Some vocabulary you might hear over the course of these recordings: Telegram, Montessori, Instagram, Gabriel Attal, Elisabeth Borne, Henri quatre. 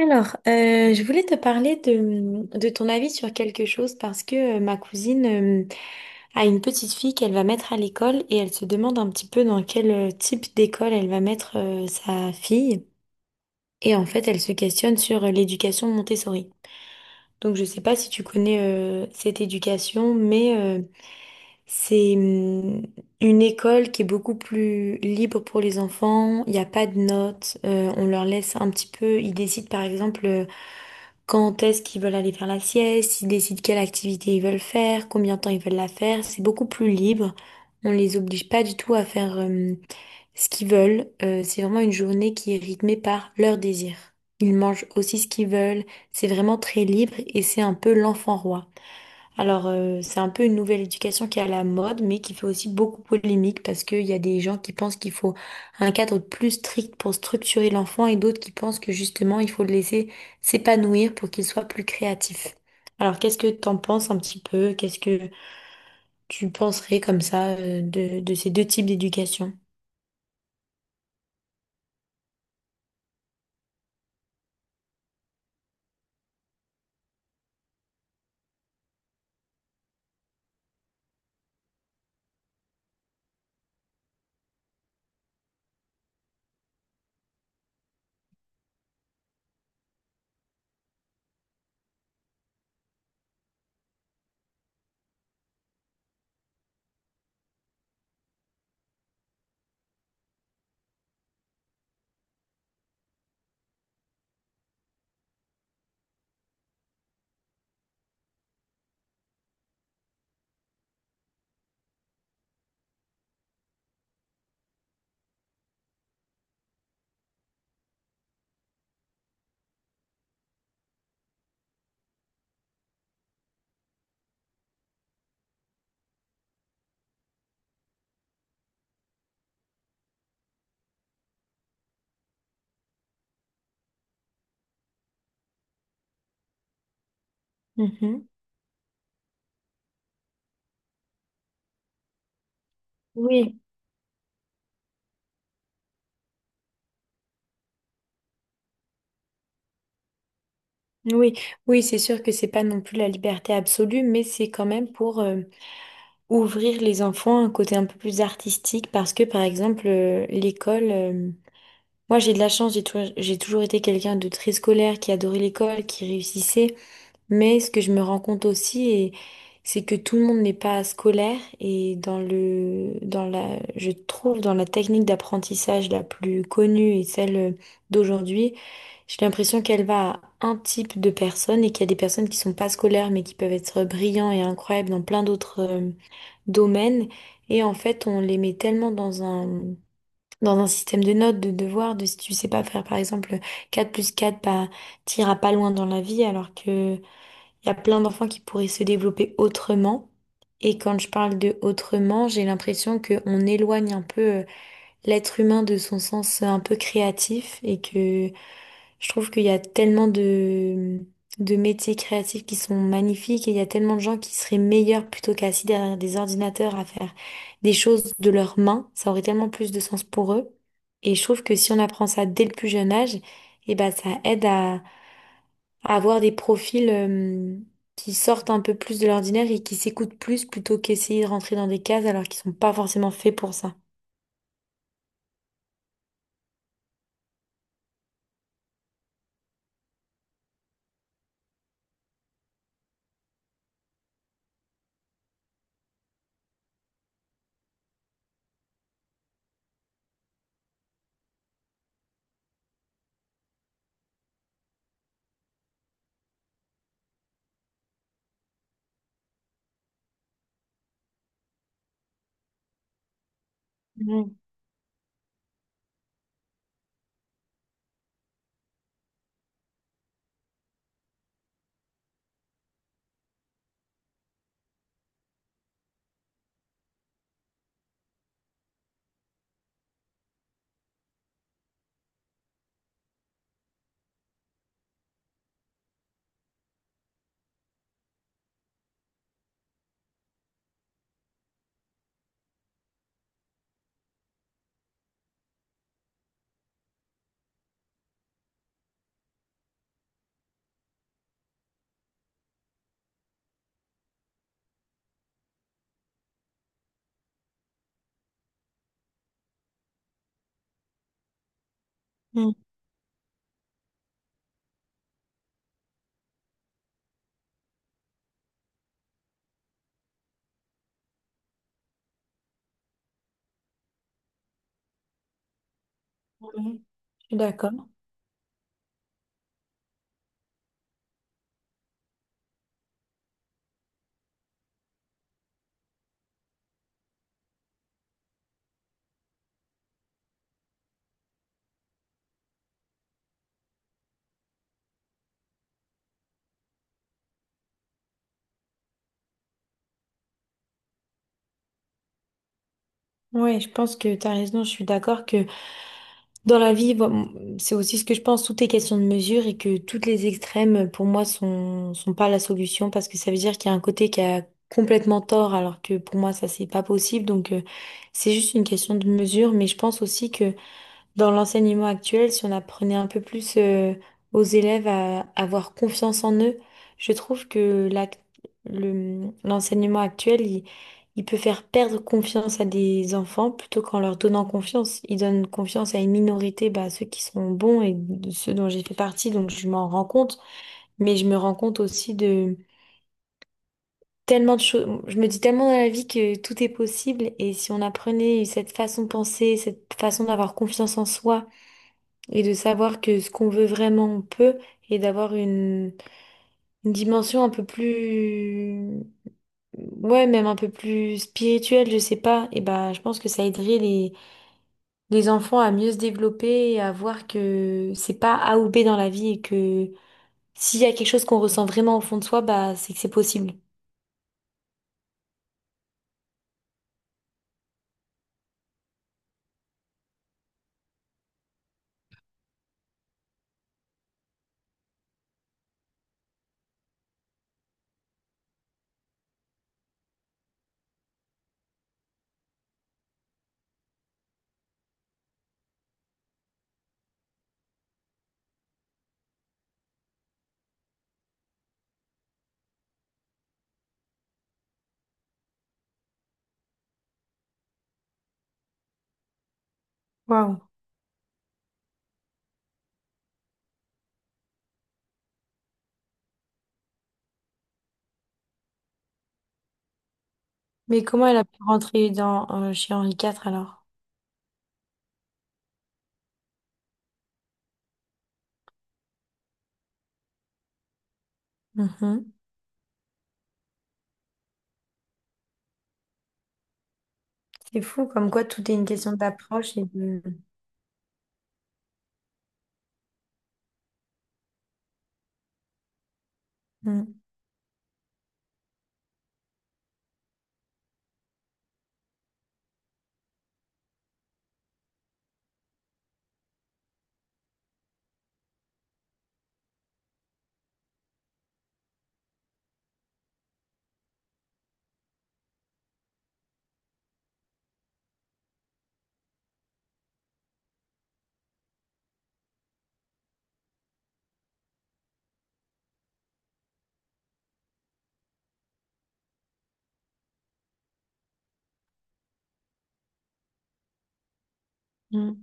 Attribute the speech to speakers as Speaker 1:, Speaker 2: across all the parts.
Speaker 1: Je voulais te parler de ton avis sur quelque chose parce que ma cousine euh, a une petite fille qu'elle va mettre à l'école et elle se demande un petit peu dans quel type d'école elle va mettre sa fille. Et en fait, elle se questionne sur l'éducation Montessori. Donc, je ne sais pas si tu connais cette éducation, mais c'est une école qui est beaucoup plus libre pour les enfants. Il n'y a pas de notes. On leur laisse un petit peu. Ils décident, par exemple. Quand est-ce qu'ils veulent aller faire la sieste, ils décident quelle activité ils veulent faire, combien de temps ils veulent la faire, c'est beaucoup plus libre. On les oblige pas du tout à faire ce qu'ils veulent. C'est vraiment une journée qui est rythmée par leurs désirs. Ils mangent aussi ce qu'ils veulent, c'est vraiment très libre et c'est un peu l'enfant roi. Alors, c'est un peu une nouvelle éducation qui est à la mode, mais qui fait aussi beaucoup polémique parce qu'il y a des gens qui pensent qu'il faut un cadre plus strict pour structurer l'enfant et d'autres qui pensent que justement, il faut le laisser s'épanouir pour qu'il soit plus créatif. Alors, qu'est-ce que t'en penses un petit peu? Qu'est-ce que tu penserais comme ça, de ces deux types d'éducation? Mhm. Oui, oui, oui, c'est sûr que c'est pas non plus la liberté absolue, mais c'est quand même pour ouvrir les enfants à un côté un peu plus artistique parce que par exemple l'école moi j'ai de la chance j'ai toujours été quelqu'un de très scolaire qui adorait l'école qui réussissait mais ce que je me rends compte aussi et c'est que tout le monde n'est pas scolaire et dans le dans la je trouve dans la technique d'apprentissage la plus connue et celle d'aujourd'hui j'ai l'impression qu'elle va à un type de personnes et qu'il y a des personnes qui sont pas scolaires mais qui peuvent être brillants et incroyables dans plein d'autres domaines. Et en fait, on les met tellement dans dans un système de notes, de devoirs, de si tu sais pas faire par exemple 4 plus quatre, t'iras pas loin dans la vie, alors que il y a plein d'enfants qui pourraient se développer autrement. Et quand je parle de autrement, j'ai l'impression qu'on éloigne un peu l'être humain de son sens un peu créatif et que je trouve qu'il y a tellement de métiers créatifs qui sont magnifiques et il y a tellement de gens qui seraient meilleurs plutôt qu'assis derrière des ordinateurs à faire des choses de leurs mains. Ça aurait tellement plus de sens pour eux. Et je trouve que si on apprend ça dès le plus jeune âge, eh ben, ça aide à avoir des profils, qui sortent un peu plus de l'ordinaire et qui s'écoutent plus plutôt qu'essayer de rentrer dans des cases alors qu'ils sont pas forcément faits pour ça. Mm, mm, je suis d'accord. Oui, je pense que tu as raison. Je suis d'accord que dans la vie, voilà, c'est aussi ce que je pense, tout est question de mesure et que toutes les extrêmes, pour moi, sont pas la solution parce que ça veut dire qu'il y a un côté qui a complètement tort alors que pour moi, ça, c'est pas possible. Donc, c'est juste une question de mesure, mais je pense aussi que dans l'enseignement actuel, si on apprenait un peu plus aux élèves à avoir confiance en eux, je trouve que l'enseignement actuel, il peut faire perdre confiance à des enfants plutôt qu'en leur donnant confiance. Il donne confiance à une minorité, bah, ceux qui sont bons et de ceux dont j'ai fait partie, donc je m'en rends compte. Mais je me rends compte aussi de tellement de choses. Je me dis tellement dans la vie que tout est possible et si on apprenait cette façon de penser, cette façon d'avoir confiance en soi, et de savoir que ce qu'on veut vraiment, on peut, et d'avoir une dimension un peu plus, ouais, même un peu plus spirituelle, je sais pas, et bah, je pense que ça aiderait les enfants à mieux se développer et à voir que c'est pas A ou B dans la vie et que s'il y a quelque chose qu'on ressent vraiment au fond de soi, bah, c'est que c'est possible. Waouh. Mais comment elle a pu rentrer dans, chez Henri quatre alors? Mhm. C'est fou, comme quoi tout est une question d'approche et de... Mm, mm,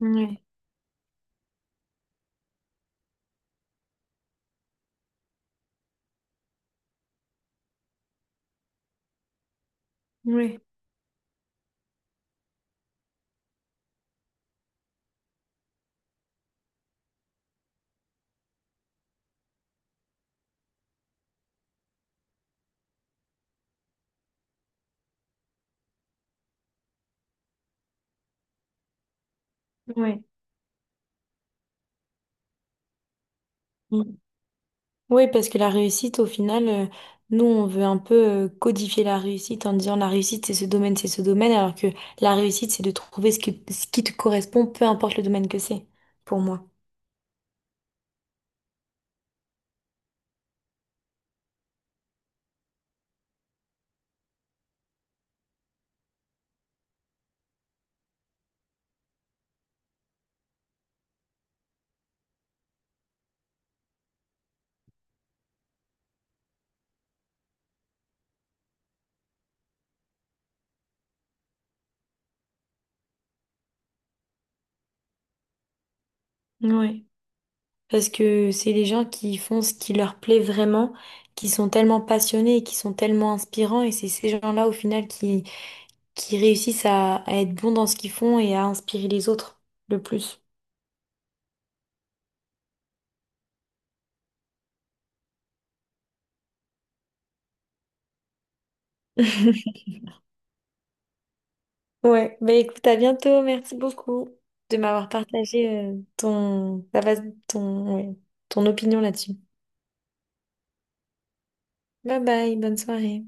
Speaker 1: Ouais, ouais, ouais. Oui, parce que la réussite, au final, nous, on veut un peu codifier la réussite en disant la réussite, c'est ce domaine, alors que la réussite, c'est de trouver ce qui te correspond, peu importe le domaine que c'est, pour moi. Oui. Parce que c'est les gens qui font ce qui leur plaît vraiment, qui sont tellement passionnés et qui sont tellement inspirants, et c'est ces gens-là, au final, qui réussissent à être bons dans ce qu'ils font et à inspirer les autres le plus. Ouais, bah écoute, à bientôt. Merci beaucoup de m'avoir partagé ton, ouais, ton opinion là-dessus. Bye bye, bonne soirée.